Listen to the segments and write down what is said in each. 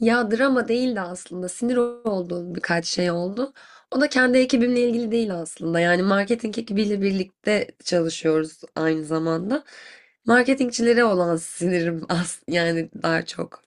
Ya drama değildi aslında. Sinir olduğum birkaç şey oldu. O da kendi ekibimle ilgili değil aslında. Yani marketing ekibiyle birlikte çalışıyoruz aynı zamanda. Marketingçilere olan sinirim as yani daha çok.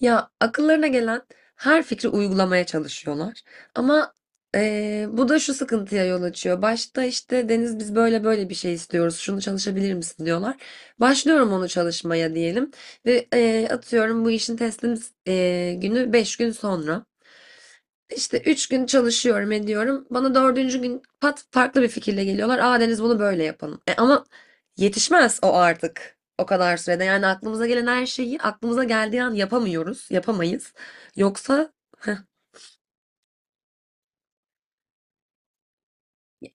Ya akıllarına gelen her fikri uygulamaya çalışıyorlar. Ama bu da şu sıkıntıya yol açıyor. Başta işte Deniz biz böyle böyle bir şey istiyoruz. Şunu çalışabilir misin diyorlar. Başlıyorum onu çalışmaya diyelim. Ve atıyorum bu işin teslim günü 5 gün sonra. İşte 3 gün çalışıyorum ediyorum. Bana dördüncü gün pat farklı bir fikirle geliyorlar. Aa Deniz bunu böyle yapalım. E, ama yetişmez o artık. O kadar sürede. Yani aklımıza gelen her şeyi aklımıza geldiği an yapamıyoruz. Yapamayız. Yoksa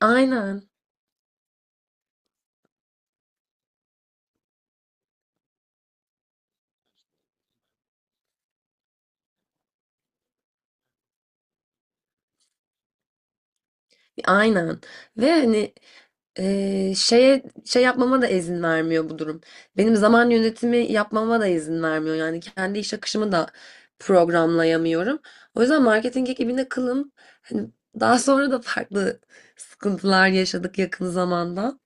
aynen. Aynen. Ve hani şey yapmama da izin vermiyor bu durum. Benim zaman yönetimi yapmama da izin vermiyor. Yani kendi iş akışımı da programlayamıyorum. O yüzden marketing ekibine kılım. Hani daha sonra da farklı sıkıntılar yaşadık yakın zamanda.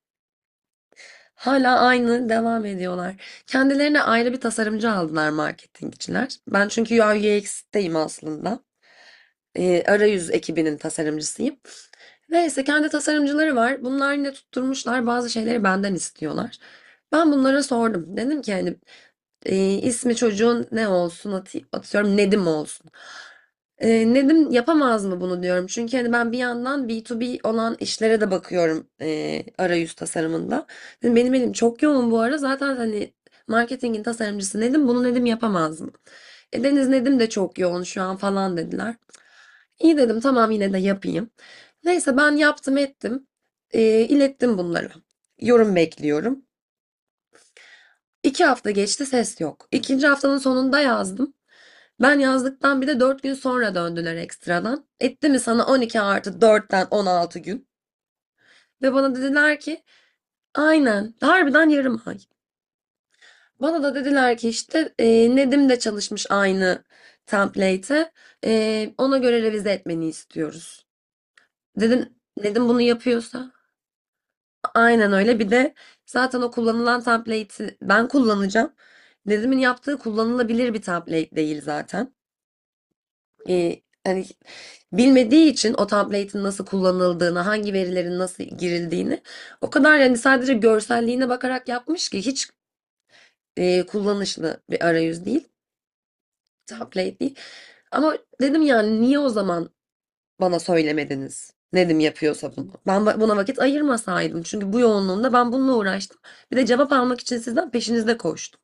Hala aynı devam ediyorlar. Kendilerine ayrı bir tasarımcı aldılar marketingçiler. Ben çünkü UI UX'teyim aslında. Arayüz ekibinin tasarımcısıyım. Neyse kendi tasarımcıları var. Bunlar yine tutturmuşlar bazı şeyleri benden istiyorlar. Ben bunlara sordum. Dedim ki hani ismi çocuğun ne olsun atıyorum Nedim olsun. E, Nedim yapamaz mı bunu diyorum. Çünkü hani ben bir yandan B2B olan işlere de bakıyorum, arayüz tasarımında. Dedim, benim elim çok yoğun bu ara. Zaten hani marketingin tasarımcısı Nedim bunu Nedim yapamaz mı? E, Deniz Nedim de çok yoğun şu an falan dediler. İyi dedim tamam yine de yapayım. Neyse ben yaptım ettim. İlettim bunları. Yorum bekliyorum. İki hafta geçti ses yok. İkinci haftanın sonunda yazdım. Ben yazdıktan bir de 4 gün sonra döndüler ekstradan. Etti mi sana 12 artı 4'ten 16 gün? Ve bana dediler ki aynen harbiden yarım ay. Bana da dediler ki işte Nedim de çalışmış aynı template'e. E, ona göre revize etmeni istiyoruz. Dedim Nedim bunu yapıyorsa? Aynen öyle. Bir de zaten o kullanılan template'i ben kullanacağım. Nedim'in yaptığı kullanılabilir bir template değil zaten. Hani bilmediği için o template'in nasıl kullanıldığını, hangi verilerin nasıl girildiğini o kadar yani sadece görselliğine bakarak yapmış ki hiç kullanışlı bir arayüz değil, template değil. Ama dedim yani niye o zaman bana söylemediniz. Nedim yapıyorsa bunu. Ben buna vakit ayırmasaydım. Çünkü bu yoğunluğumda ben bununla uğraştım. Bir de cevap almak için sizden peşinizde koştum.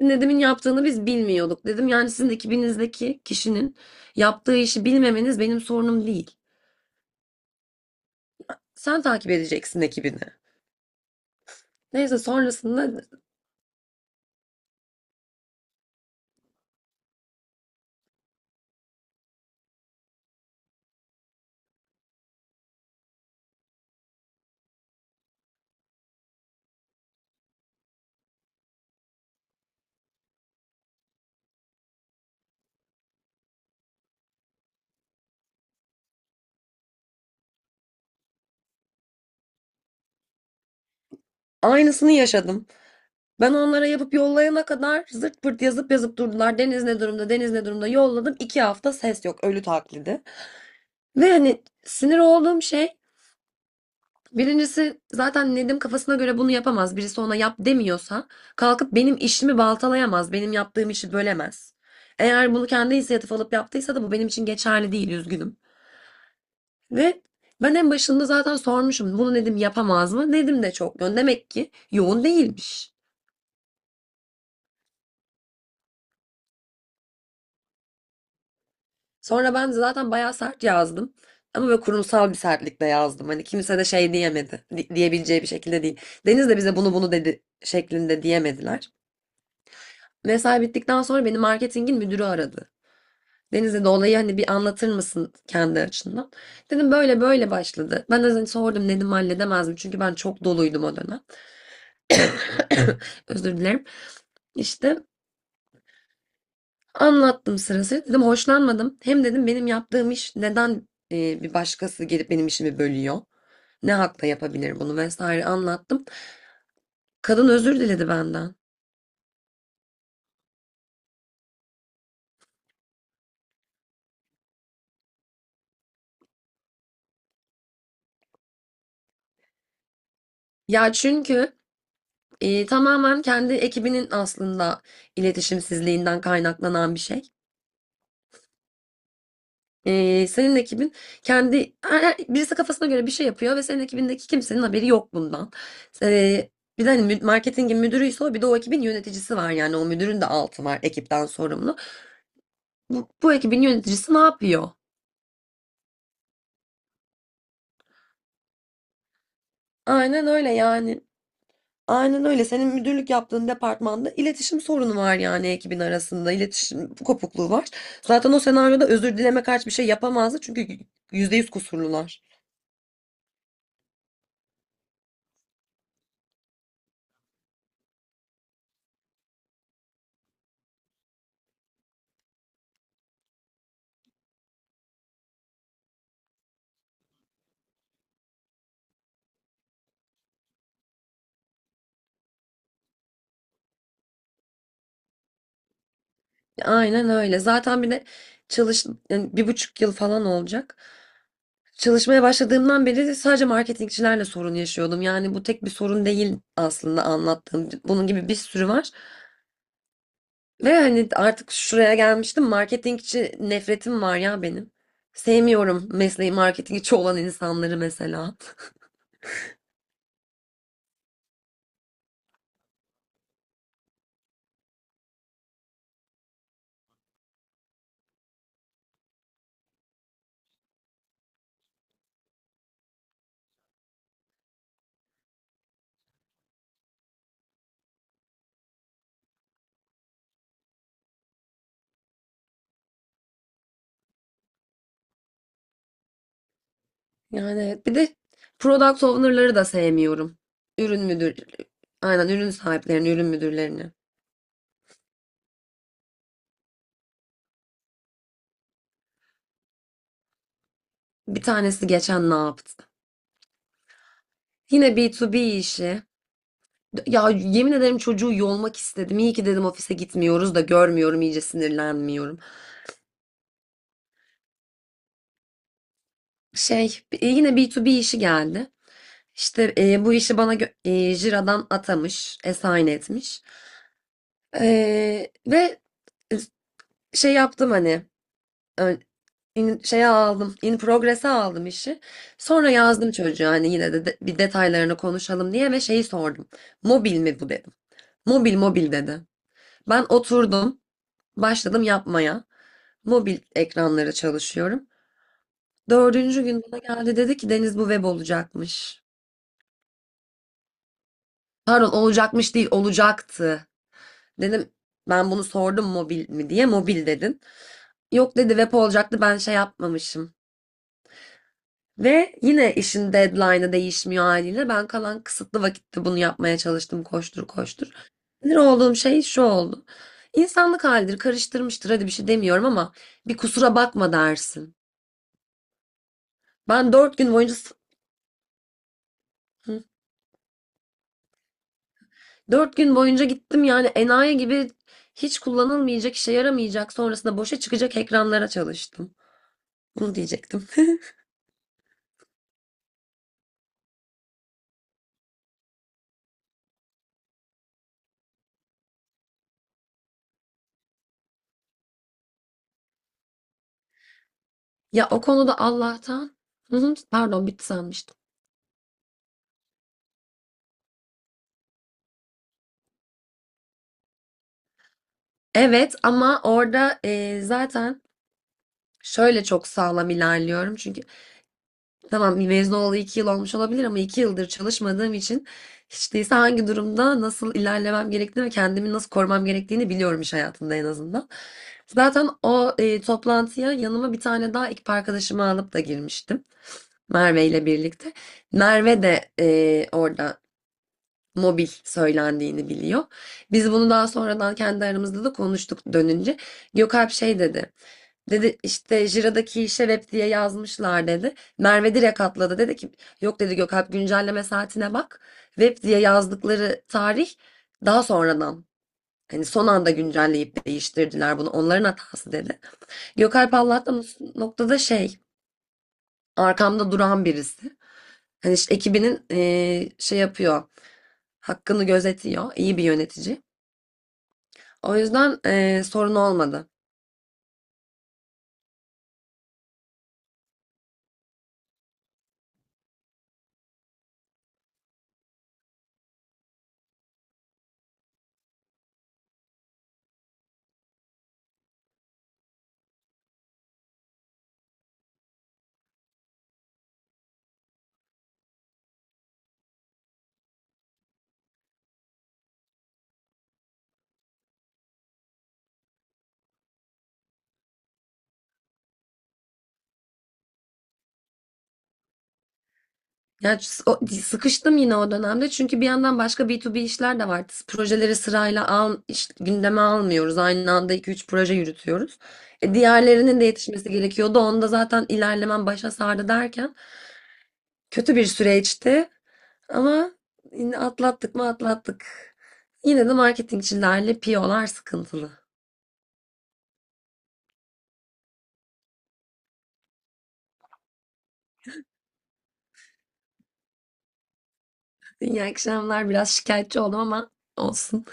Nedim'in yaptığını biz bilmiyorduk dedim. Yani sizin ekibinizdeki kişinin yaptığı işi bilmemeniz benim sorunum değil. Sen takip edeceksin ekibini. Neyse sonrasında aynısını yaşadım. Ben onlara yapıp yollayana kadar zırt pırt yazıp yazıp durdular. Deniz ne durumda, Deniz ne durumda yolladım. 2 hafta ses yok, ölü taklidi. Ve hani sinir olduğum şey. Birincisi zaten Nedim kafasına göre bunu yapamaz. Birisi ona yap demiyorsa kalkıp benim işimi baltalayamaz. Benim yaptığım işi bölemez. Eğer bunu kendi inisiyatif alıp yaptıysa da bu benim için geçerli değil, üzgünüm. Ve ben en başında zaten sormuşum bunu Nedim yapamaz mı? Nedim de çok yoğun. Demek ki yoğun değilmiş. Sonra ben zaten bayağı sert yazdım. Ama böyle kurumsal bir sertlikle yazdım. Hani kimse de şey diyemedi. Diyebileceği bir şekilde değil. Deniz de bize bunu bunu dedi şeklinde diyemediler. Mesai bittikten sonra beni marketingin müdürü aradı. Deniz dedi olayı hani bir anlatır mısın kendi açından? Dedim böyle böyle başladı. Ben de hani sordum dedim halledemez mi? Çünkü ben çok doluydum o dönem. Özür dilerim. İşte anlattım sırası. Dedim hoşlanmadım. Hem dedim benim yaptığım iş neden, bir başkası gelip benim işimi bölüyor? Ne hakla yapabilir bunu vesaire anlattım. Kadın özür diledi benden. Ya çünkü tamamen kendi ekibinin aslında iletişimsizliğinden kaynaklanan bir şey. Senin ekibin kendi birisi kafasına göre bir şey yapıyor ve senin ekibindeki kimsenin haberi yok bundan. Ee, Bir de hani marketingin müdürüyse o bir de o ekibin yöneticisi var yani o müdürün de altı var ekipten sorumlu. Bu ekibin yöneticisi ne yapıyor? Aynen öyle yani. Aynen öyle. Senin müdürlük yaptığın departmanda iletişim sorunu var yani ekibin arasında. İletişim kopukluğu var. Zaten o senaryoda özür dileme karşı bir şey yapamazdı çünkü %100 kusurlular. Aynen öyle. Zaten bir de yani 1,5 yıl falan olacak. Çalışmaya başladığımdan beri de sadece marketingçilerle sorun yaşıyordum. Yani bu tek bir sorun değil aslında anlattığım. Bunun gibi bir sürü var. Ve hani artık şuraya gelmiştim. Marketingçi nefretim var ya benim. Sevmiyorum mesleği marketingçi olan insanları mesela. Yani evet. Bir de product owner'ları da sevmiyorum. Ürün müdür, aynen ürün sahiplerini, ürün müdürlerini. Bir tanesi geçen ne yaptı? Yine b to b işi. Ya yemin ederim çocuğu yolmak istedim. İyi ki dedim ofise gitmiyoruz da görmüyorum iyice sinirlenmiyorum. Şey, yine b to b işi geldi. İşte bu işi bana Jira'dan atamış, assign etmiş. Ve e, şey yaptım hani e, şeye aldım, in progress'e aldım işi. Sonra yazdım çocuğa hani yine de bir detaylarını konuşalım diye ve şeyi sordum. Mobil mi bu dedim. Mobil mobil dedi. Ben oturdum. Başladım yapmaya. Mobil ekranlara çalışıyorum. Dördüncü gün bana geldi dedi ki Deniz bu web olacakmış. Pardon olacakmış değil olacaktı. Dedim ben bunu sordum mobil mi diye mobil dedin. Yok dedi web olacaktı ben şey yapmamışım. Ve yine işin deadline'ı değişmiyor haliyle. Ben kalan kısıtlı vakitte bunu yapmaya çalıştım koştur koştur. Sinir olduğum şey şu oldu. İnsanlık halidir karıştırmıştır hadi bir şey demiyorum ama bir kusura bakma dersin. Ben 4 gün boyunca hı? 4 gün boyunca gittim yani enayi gibi hiç kullanılmayacak, işe yaramayacak, sonrasında boşa çıkacak ekranlara çalıştım. Bunu diyecektim. Ya o konuda Allah'tan. Hı hı, pardon bitti sanmıştım. Evet ama orada zaten şöyle çok sağlam ilerliyorum. Çünkü tamam mezun olalı 2 yıl olmuş olabilir ama 2 yıldır çalışmadığım için hiç değilse hangi durumda nasıl ilerlemem gerektiğini ve kendimi nasıl korumam gerektiğini biliyorum iş hayatında en azından. Zaten o toplantıya yanıma bir tane daha ekip arkadaşımı alıp da girmiştim. Merve ile birlikte. Merve de orada mobil söylendiğini biliyor. Biz bunu daha sonradan kendi aramızda da konuştuk dönünce. Gökalp şey dedi. Dedi işte Jira'daki işe web diye yazmışlar dedi. Merve direkt atladı dedi ki yok dedi Gökalp güncelleme saatine bak. Web diye yazdıkları tarih daha sonradan hani son anda güncelleyip değiştirdiler bunu onların hatası dedi. Gökalp Allah'tan o noktada şey arkamda duran birisi. Hani işte ekibinin şey yapıyor hakkını gözetiyor iyi bir yönetici. O yüzden sorun olmadı. Ya sıkıştım yine o dönemde çünkü bir yandan başka B2B işler de vardı. Projeleri sırayla al, gündeme almıyoruz. Aynı anda iki üç proje yürütüyoruz. E, diğerlerinin de yetişmesi gerekiyordu. Onda zaten ilerlemem başa sardı derken kötü bir süreçti ama yine atlattık mı atlattık. Yine de marketingçilerle piyolar sıkıntılı. İyi akşamlar. Biraz şikayetçi oldum ama olsun.